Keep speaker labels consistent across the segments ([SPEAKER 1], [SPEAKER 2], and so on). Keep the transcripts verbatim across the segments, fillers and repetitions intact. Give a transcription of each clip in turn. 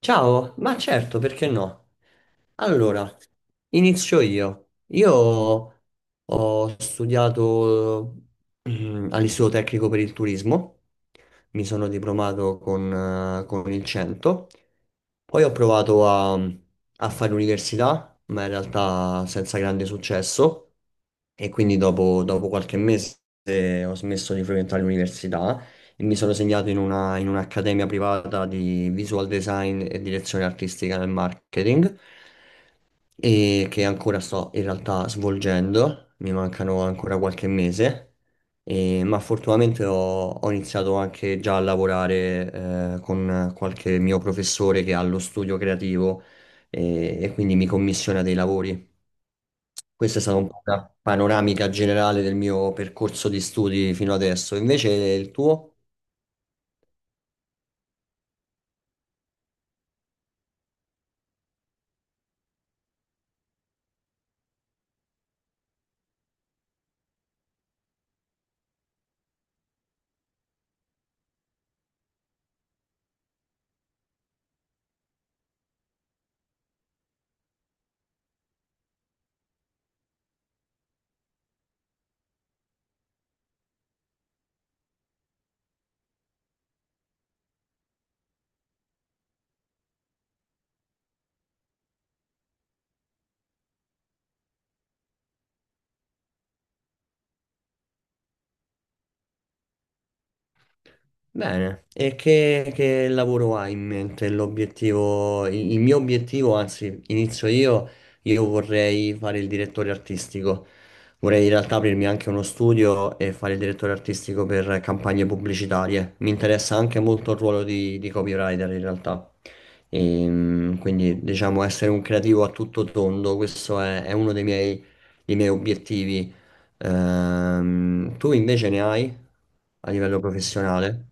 [SPEAKER 1] Ciao, ma certo, perché no? Allora, inizio io. Io ho studiato mm, all'Istituto Tecnico per il Turismo, mi sono diplomato con, eh, con il cento, poi ho provato a, a fare università, ma in realtà senza grande successo, e quindi dopo, dopo qualche mese ho smesso di frequentare l'università e mi sono segnato in una- in un'accademia privata di visual design e direzione artistica nel marketing e che ancora sto in realtà svolgendo, mi mancano ancora qualche mese, e- ma fortunatamente ho, ho iniziato anche già a lavorare eh, con qualche mio professore che ha lo studio creativo e, e quindi mi commissiona dei lavori. Questa è stata un po' una panoramica generale del mio percorso di studi fino adesso. Invece il tuo? Bene, e che, che lavoro hai in mente? L'obiettivo, il il mio obiettivo, anzi, inizio io, io vorrei fare il direttore artistico. Vorrei in realtà aprirmi anche uno studio e fare il direttore artistico per campagne pubblicitarie. Mi interessa anche molto il ruolo di, di copywriter in realtà. Ehm, quindi diciamo essere un creativo a tutto tondo, questo è, è uno dei miei, dei miei obiettivi. Ehm, tu invece ne hai a livello professionale?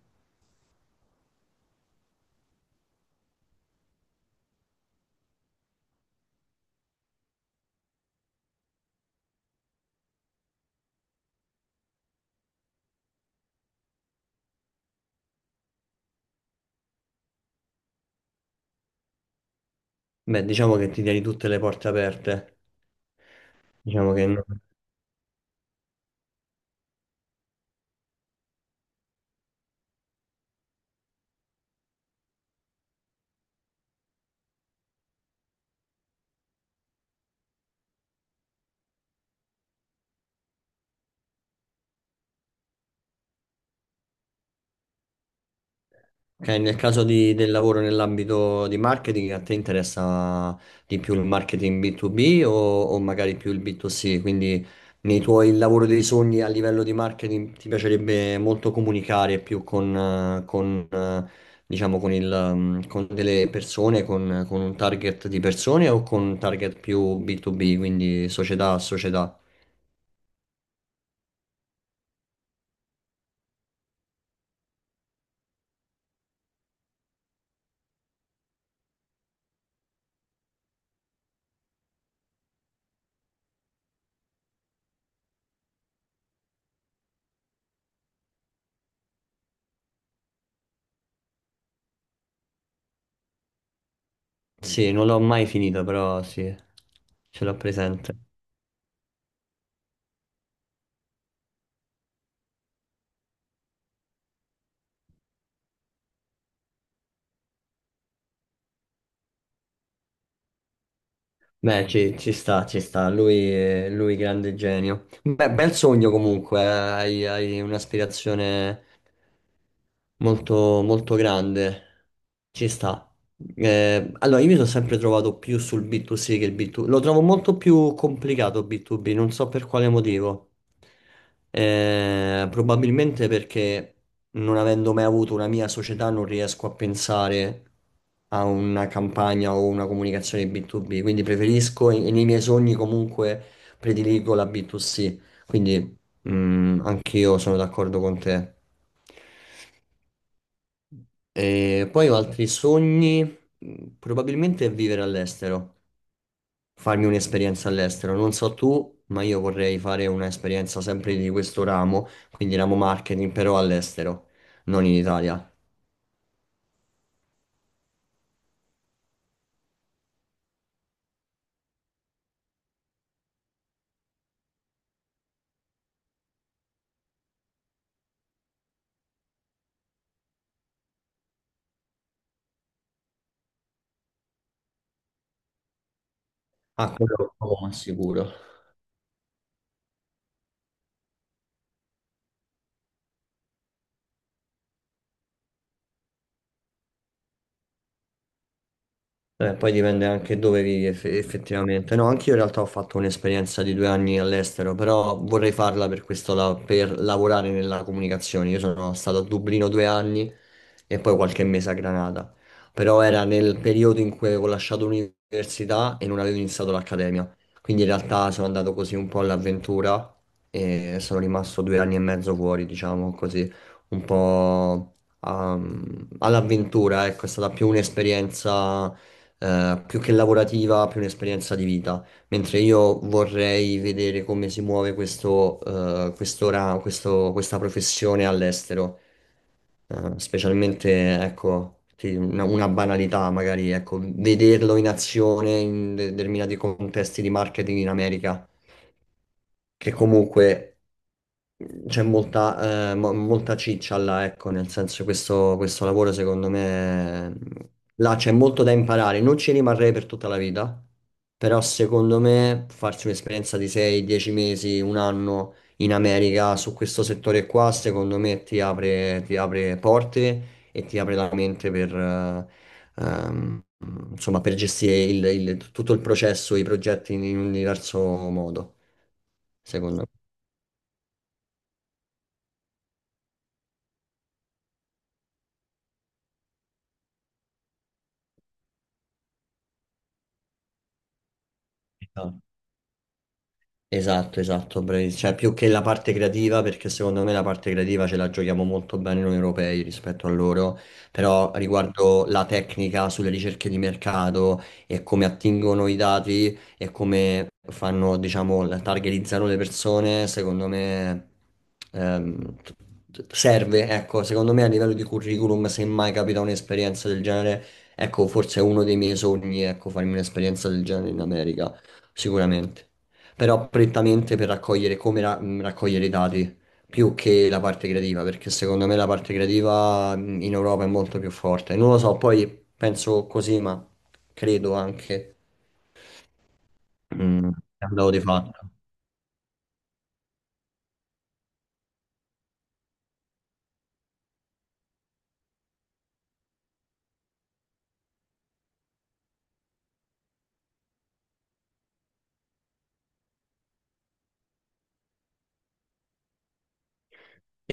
[SPEAKER 1] Beh, diciamo che ti tieni tutte le porte aperte. Diciamo che no. Ok, nel caso di- del lavoro nell'ambito di marketing, a te interessa di più il marketing B due B o, o magari più il B due C? Quindi nei tuoi lavori dei sogni a livello di marketing ti piacerebbe molto comunicare più con, eh, con, eh, diciamo, con il, ehm, con delle persone, con, con un target di persone o con un target più B due B, quindi società a società? Sì, non l'ho mai finita, però sì, ce l'ho presente. Beh, ci, ci sta, ci sta. Lui è, lui grande genio. Beh, bel sogno comunque, eh, hai, hai un'aspirazione molto, molto grande. Ci sta. Eh, allora, io mi sono sempre trovato più sul B due C che il B due B. Lo trovo molto più complicato B due B, non so per quale motivo. Eh, probabilmente perché non avendo mai avuto una mia società non riesco a pensare a una campagna o una comunicazione B due B, quindi preferisco e nei miei sogni comunque prediligo la B due C. Quindi mm, anche io sono d'accordo con te. E poi ho altri sogni, mm, probabilmente vivere all'estero, farmi un'esperienza all'estero. Non so tu, ma io vorrei fare un'esperienza sempre di questo ramo, quindi ramo marketing, però all'estero, non in Italia. Ah, quello lo sicuro. Eh, poi dipende anche dove vivi eff- effettivamente. No, anch'io in realtà ho fatto un'esperienza di due anni all'estero, però vorrei farla per questo, la- per lavorare nella comunicazione. Io sono stato a Dublino due anni e poi qualche mese a Granada, però era nel periodo in cui avevo lasciato l'università e non avevo iniziato l'accademia. Quindi in realtà sono andato così un po' all'avventura e sono rimasto due anni e mezzo fuori, diciamo così, un po' um, all'avventura, ecco, è stata più un'esperienza eh, più che lavorativa, più un'esperienza di vita. Mentre io vorrei vedere come si muove questo, eh, questo ra- questo- questa professione all'estero. Eh, specialmente, ecco, sì, una, una banalità magari, ecco, vederlo in azione in determinati contesti di marketing in America, che comunque mm, c'è molta, eh, mo- molta ciccia là, ecco, nel senso questo, questo lavoro secondo me mh, là c'è molto da imparare, non ci rimarrei per tutta la vita, però secondo me farsi un'esperienza di sei, dieci mesi, un anno in America su questo settore qua, secondo me ti apre, ti apre porte e ti apre la mente per, eh, ehm, insomma, per gestire il- il- tutto il processo, i progetti in in un diverso modo, secondo me. Esatto, esatto, bravi. Cioè più che la parte creativa, perché secondo me la parte creativa ce la giochiamo molto bene noi europei rispetto a loro, però riguardo la tecnica sulle ricerche di mercato e come attingono i dati e come fanno, diciamo, la- targetizzano le persone, secondo me ehm, t- t- serve, ecco, secondo me a livello di curriculum, se mai capita un'esperienza del genere, ecco, forse è uno dei miei sogni, ecco, farmi un'esperienza del genere in America, sicuramente però prettamente per raccogliere come ra- mh, raccogliere i dati più che la parte creativa, perché secondo me la parte creativa mh, in Europa è molto più forte. Non lo so, poi penso così, ma credo anche mh, è un dato di fatto.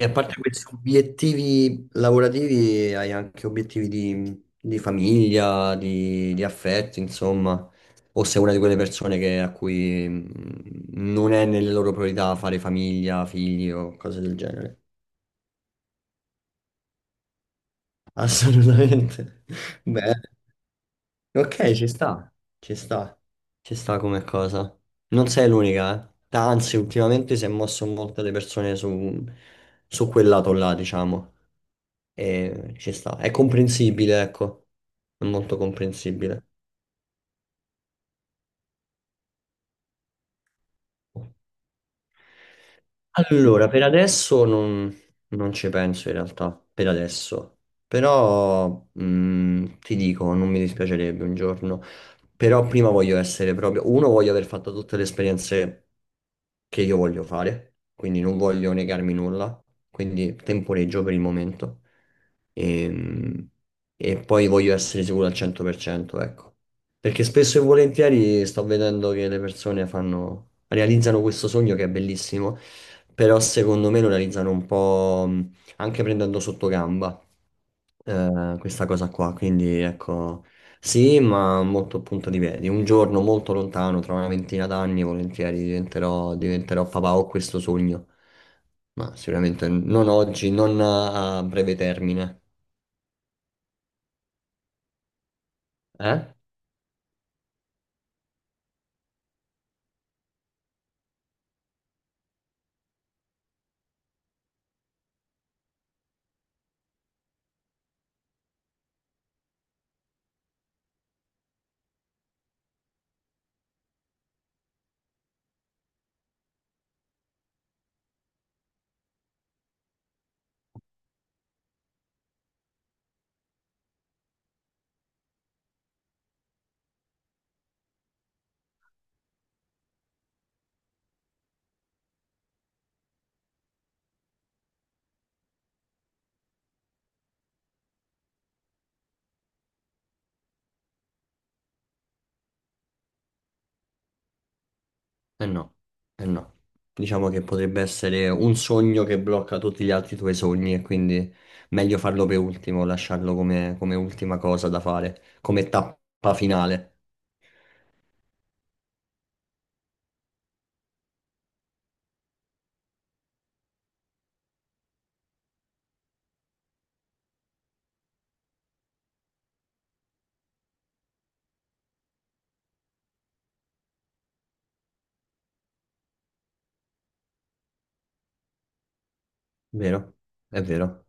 [SPEAKER 1] E a parte questi obiettivi lavorativi, hai anche obiettivi di, di famiglia, di, di affetto, insomma. O sei una di quelle persone che- a cui mh, non è nelle loro priorità fare famiglia, figli o cose del genere. Assolutamente. Beh, ok, ci sta, ci sta, ci sta come cosa. Non sei l'unica, eh. Anzi, ultimamente si è mosso molte le persone su, su quel lato là, diciamo. E ci sta. È comprensibile, ecco. È molto comprensibile. Allora, per adesso non, non ci penso in realtà, per adesso. Però mh, ti dico, non mi dispiacerebbe un giorno. Però prima voglio essere proprio... Uno, voglio aver fatto tutte le esperienze che io voglio fare, quindi non voglio negarmi nulla, quindi temporeggio per il momento. Ehm, E, poi voglio essere sicuro al cento per cento, ecco. Perché spesso e volentieri sto vedendo che le persone fanno, realizzano questo sogno che è bellissimo però secondo me lo realizzano un po' mh, anche prendendo sotto gamba eh, questa cosa qua, quindi ecco, sì, ma molto a punto di piedi. Un giorno molto lontano, tra una ventina d'anni, volentieri diventerò, diventerò papà, ho questo sogno, ma sicuramente non oggi, non a a breve termine. Eh? Eh no, eh no. Diciamo che potrebbe essere un sogno che blocca tutti gli altri tuoi sogni e quindi meglio farlo per ultimo, lasciarlo come, come ultima cosa da fare, come tappa finale, vero? È vero.